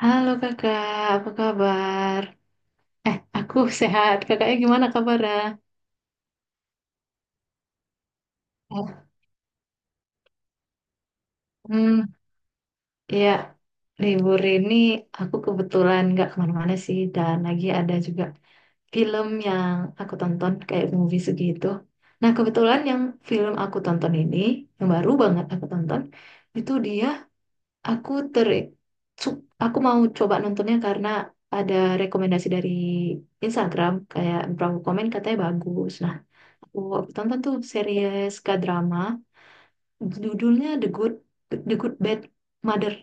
Halo kakak, apa kabar? Aku sehat. Kakaknya gimana kabarnya? Oh. Hmm, ya, libur ini aku kebetulan nggak kemana-mana sih. Dan lagi ada juga film yang aku tonton kayak movie segitu. Nah, kebetulan yang film aku tonton ini, yang baru banget aku tonton, itu dia aku ter... su- Aku mau coba nontonnya karena ada rekomendasi dari Instagram. Kayak beberapa komen katanya bagus. Nah, Oh, aku tonton tuh series K-drama, judulnya The Good Bad Mother.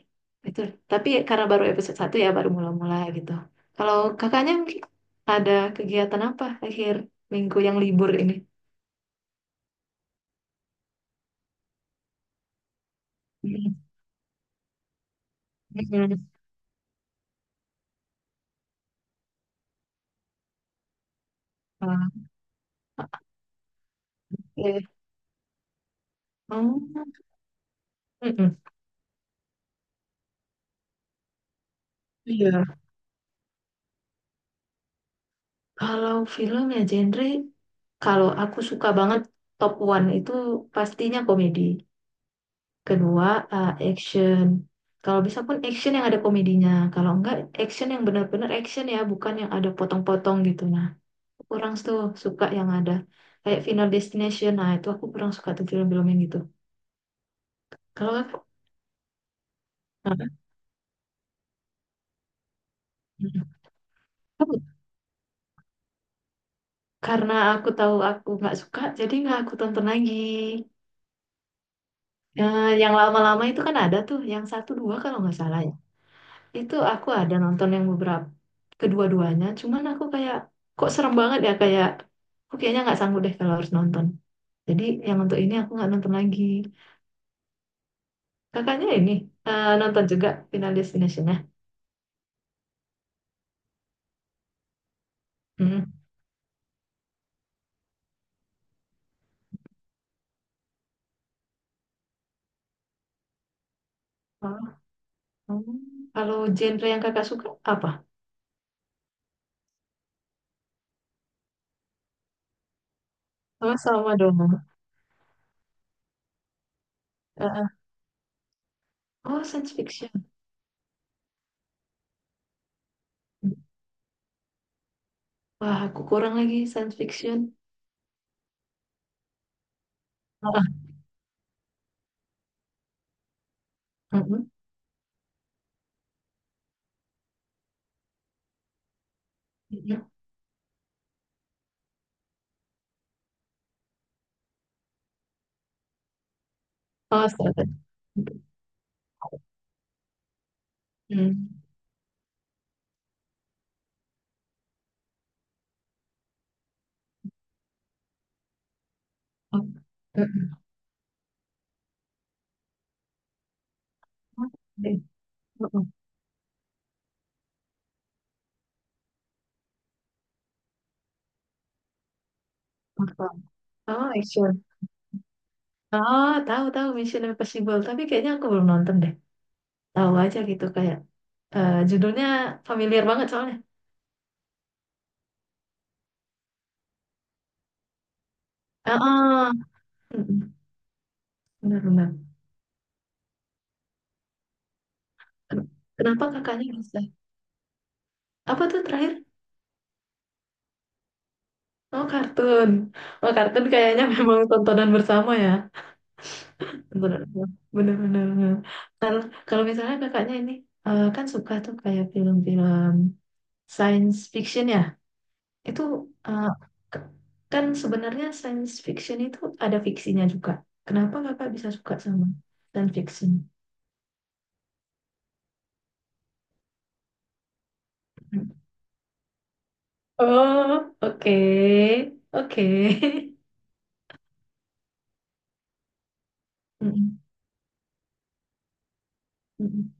Itu. Tapi karena baru episode satu ya, baru mula-mula gitu. Kalau kakaknya mungkin ada kegiatan apa akhir minggu yang libur ini? Hmm, hmm, Eh, Oh, mm-mm. Iya. Kalau film ya genre, kalau aku suka banget top one itu pastinya komedi. Kedua, action. Kalau bisa pun action yang ada komedinya. Kalau enggak, action yang benar-benar action ya, bukan yang ada potong-potong gitu. Nah, aku kurang tuh suka yang ada kayak Final Destination. Nah, itu aku kurang suka tuh film-film yang gitu. Kalau aku, karena aku tahu aku nggak suka, jadi nggak aku tonton lagi. Yang lama-lama itu kan ada tuh, yang satu dua kalau nggak salah ya. Itu aku ada nonton yang beberapa kedua-duanya, cuman aku kayak kok serem banget ya kayak aku kayaknya nggak sanggup deh kalau harus nonton. Jadi yang untuk ini aku nggak nonton lagi. Kakaknya ini nonton juga Final Destination ya. Hmm. Oh, hmm. Kalau genre yang kakak suka apa? Sama-sama dong. Eh, eh. Oh, science fiction. Wah, aku kurang lagi science fiction. Ah, ah, mm, mm, mm. Oh, setakat. Hmm. Oh, mm, mm. Oke. Mm, mm. Oh, action. Oh, tahu tahu Mission Impossible, tapi kayaknya aku belum nonton deh. Tahu aja gitu kayak judulnya familiar banget soalnya. Ah, ah. Mm-mm. Benar-benar. Ken- Kenapa kakaknya bisa? Apa tuh terakhir? Oh, kartun. Oh, kartun kayaknya memang tontonan bersama ya. Tontonan bersama. Benar-benar. Benar. Kalau kalau misalnya kakaknya ini kan suka tuh kayak film-film science fiction ya. Itu eh, k- kan sebenarnya science fiction itu ada fiksinya juga. Kenapa kakak bisa suka sama science fiction? Oh, oke, oke. Mm-mm, mm-mm.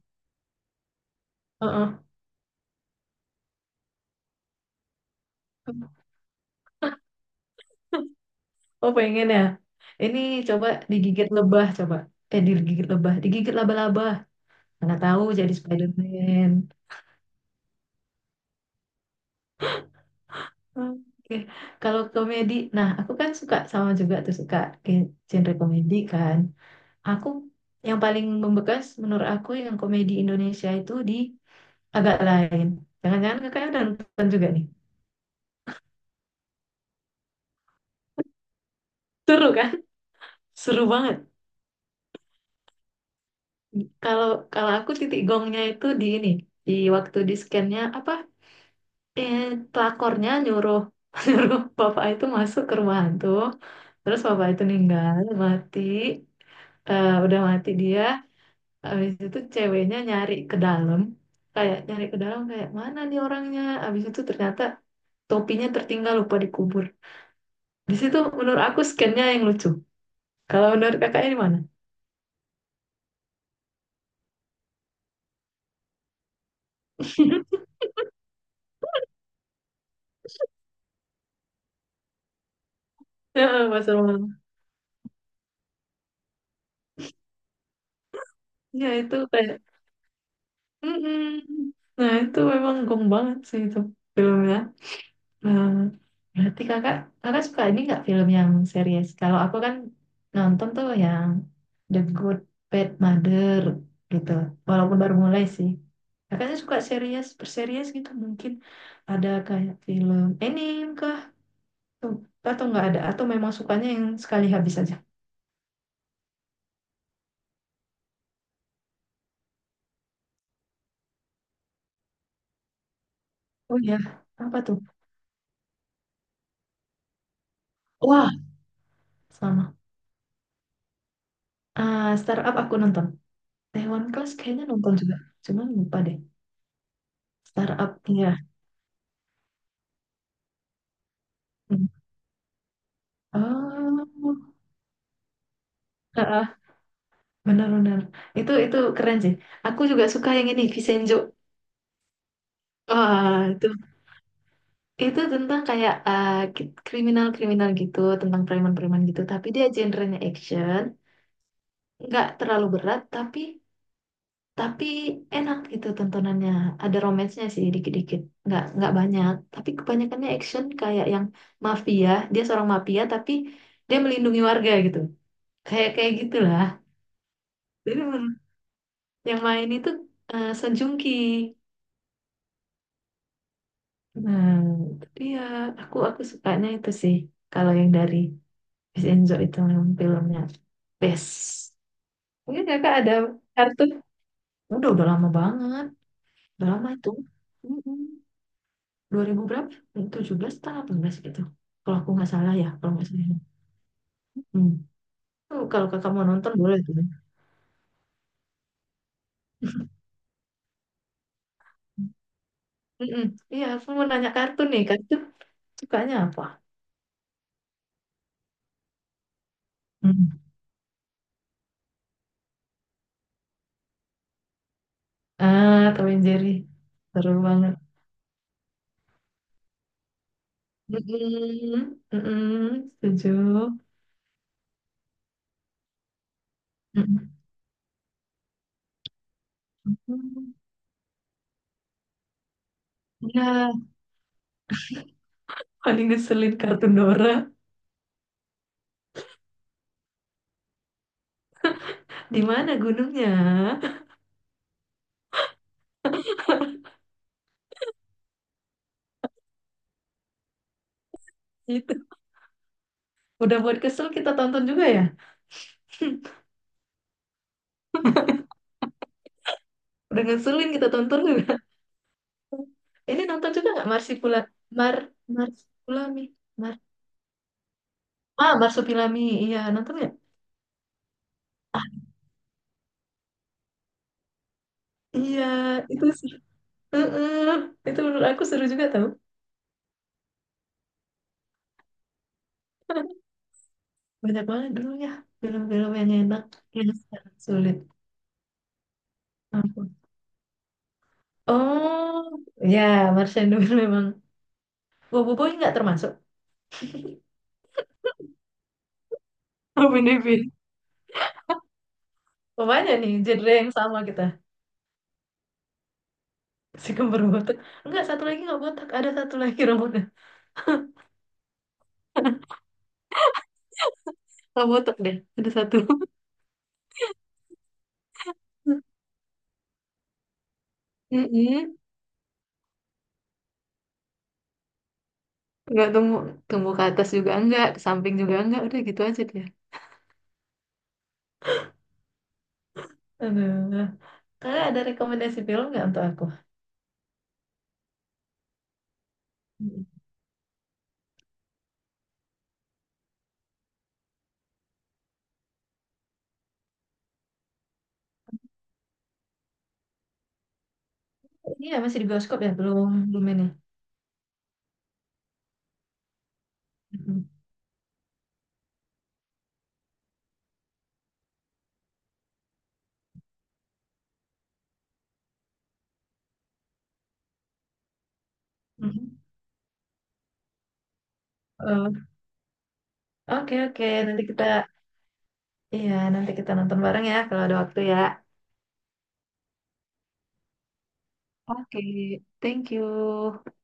Uh-uh. Oh, pengen ya? Ini coba digigit lebah, coba. Eh, digigit lebah, digigit laba-laba. Mana tahu jadi Spider-Man. Oke. Kalau komedi, nah aku kan suka sama juga tuh suka genre komedi kan. Aku yang paling membekas menurut aku yang komedi Indonesia itu di agak lain. Jangan-jangan kakaknya udah nonton juga nih. Seru kan? Seru banget. Kalau kalau aku titik gongnya itu di ini, di waktu di scan-nya apa? Eh, pelakornya nyuruh nyuruh bapak itu masuk ke rumah hantu. Terus bapak itu meninggal, mati. Eh, udah mati dia. Habis itu ceweknya nyari ke dalam kayak nyari ke dalam kayak mana nih orangnya abis itu ternyata topinya tertinggal lupa dikubur. Di situ menurut aku scan-nya yang lucu. Kalau menurut kakaknya di mana? Heeh, Pasar Malam. Ya itu kayak, mm-mm. Nah itu memang gong banget sih itu filmnya. Nah, berarti kakak, kakak suka ini nggak film yang series? Kalau aku kan nonton tuh yang The Good Bad Mother gitu. Walaupun baru mulai sih. Kakaknya suka series, berseries gitu mungkin. Ada kayak film anime ke tuh atau nggak ada atau memang sukanya yang sekali habis aja. Oh ya, apa tuh? Wah, sama. Ah, startup aku nonton. Taiwan Class kayaknya nonton juga, cuman lupa deh. Startup iya. Hmm. Oh, ah, benar-benar. Itu keren sih. Aku juga suka yang ini Vincenzo. Wah, itu tentang kayak kriminal-kriminal gitu, tentang preman-preman gitu. Tapi dia genrenya action, nggak terlalu berat, tapi enak gitu tontonannya, ada romansnya sih dikit-dikit, nggak banyak tapi kebanyakannya action kayak yang mafia, dia seorang mafia tapi dia melindungi warga gitu, kayak kayak gitulah. jadi menurut- yang main itu Sejungki. Nah, itu dia, aku sukanya itu sih. Kalau yang dari Vincenzo itu memang filmnya best. Mungkin kakak ada kartu. Udah lama banget, udah lama itu. Mm-mm. 2000 berapa? 17 atau 18 gitu. Kalau aku nggak salah ya, kalau nggak salah. Hmm. Oh, kalau kakak mau nonton boleh tuh. Mm-mm. Iya, aku mau nanya kartun nih. Kartun sukanya apa? Mm. Ah, Tom and Jerry. Seru banget. Mm-mm. Mm-mm. Setuju. Mm-mm. Iya, paling ngeselin kartun Dora. Di mana gunungnya? Itu. Udah buat kesel kita tonton juga ya? Udah ngeselin kita tonton. Ini nonton juga nggak Marsipula. Mar Marsupilami. Mar Marsupilami iya, nonton nggak? Iya itu sih. Heeh, itu menurut aku seru juga tau. Banyak banget dulu ya film-film yang enak, yang sekarang sulit. Ampun. Oh ya, Marsha Nur memang. Bobo Boy nggak termasuk. Oh, bener. Oh, banyak nih genre yang sama kita. Si kembar botak, enggak satu lagi nggak botak, ada satu lagi rambutnya nggak botak deh, ada satu. Mm-mm. Nggak tumbuh, tumbuh ke atas juga enggak, ke samping juga enggak, udah gitu aja dia. Aduh. Kakak ada rekomendasi film nggak untuk aku? Mm. Ini ya masih di bioskop ya? Belum, belum ini. Mhm. Mm. Eh, oke, oke. Nanti kita, iya, nanti kita nonton bareng ya kalau ada waktu ya. Oke, thank you.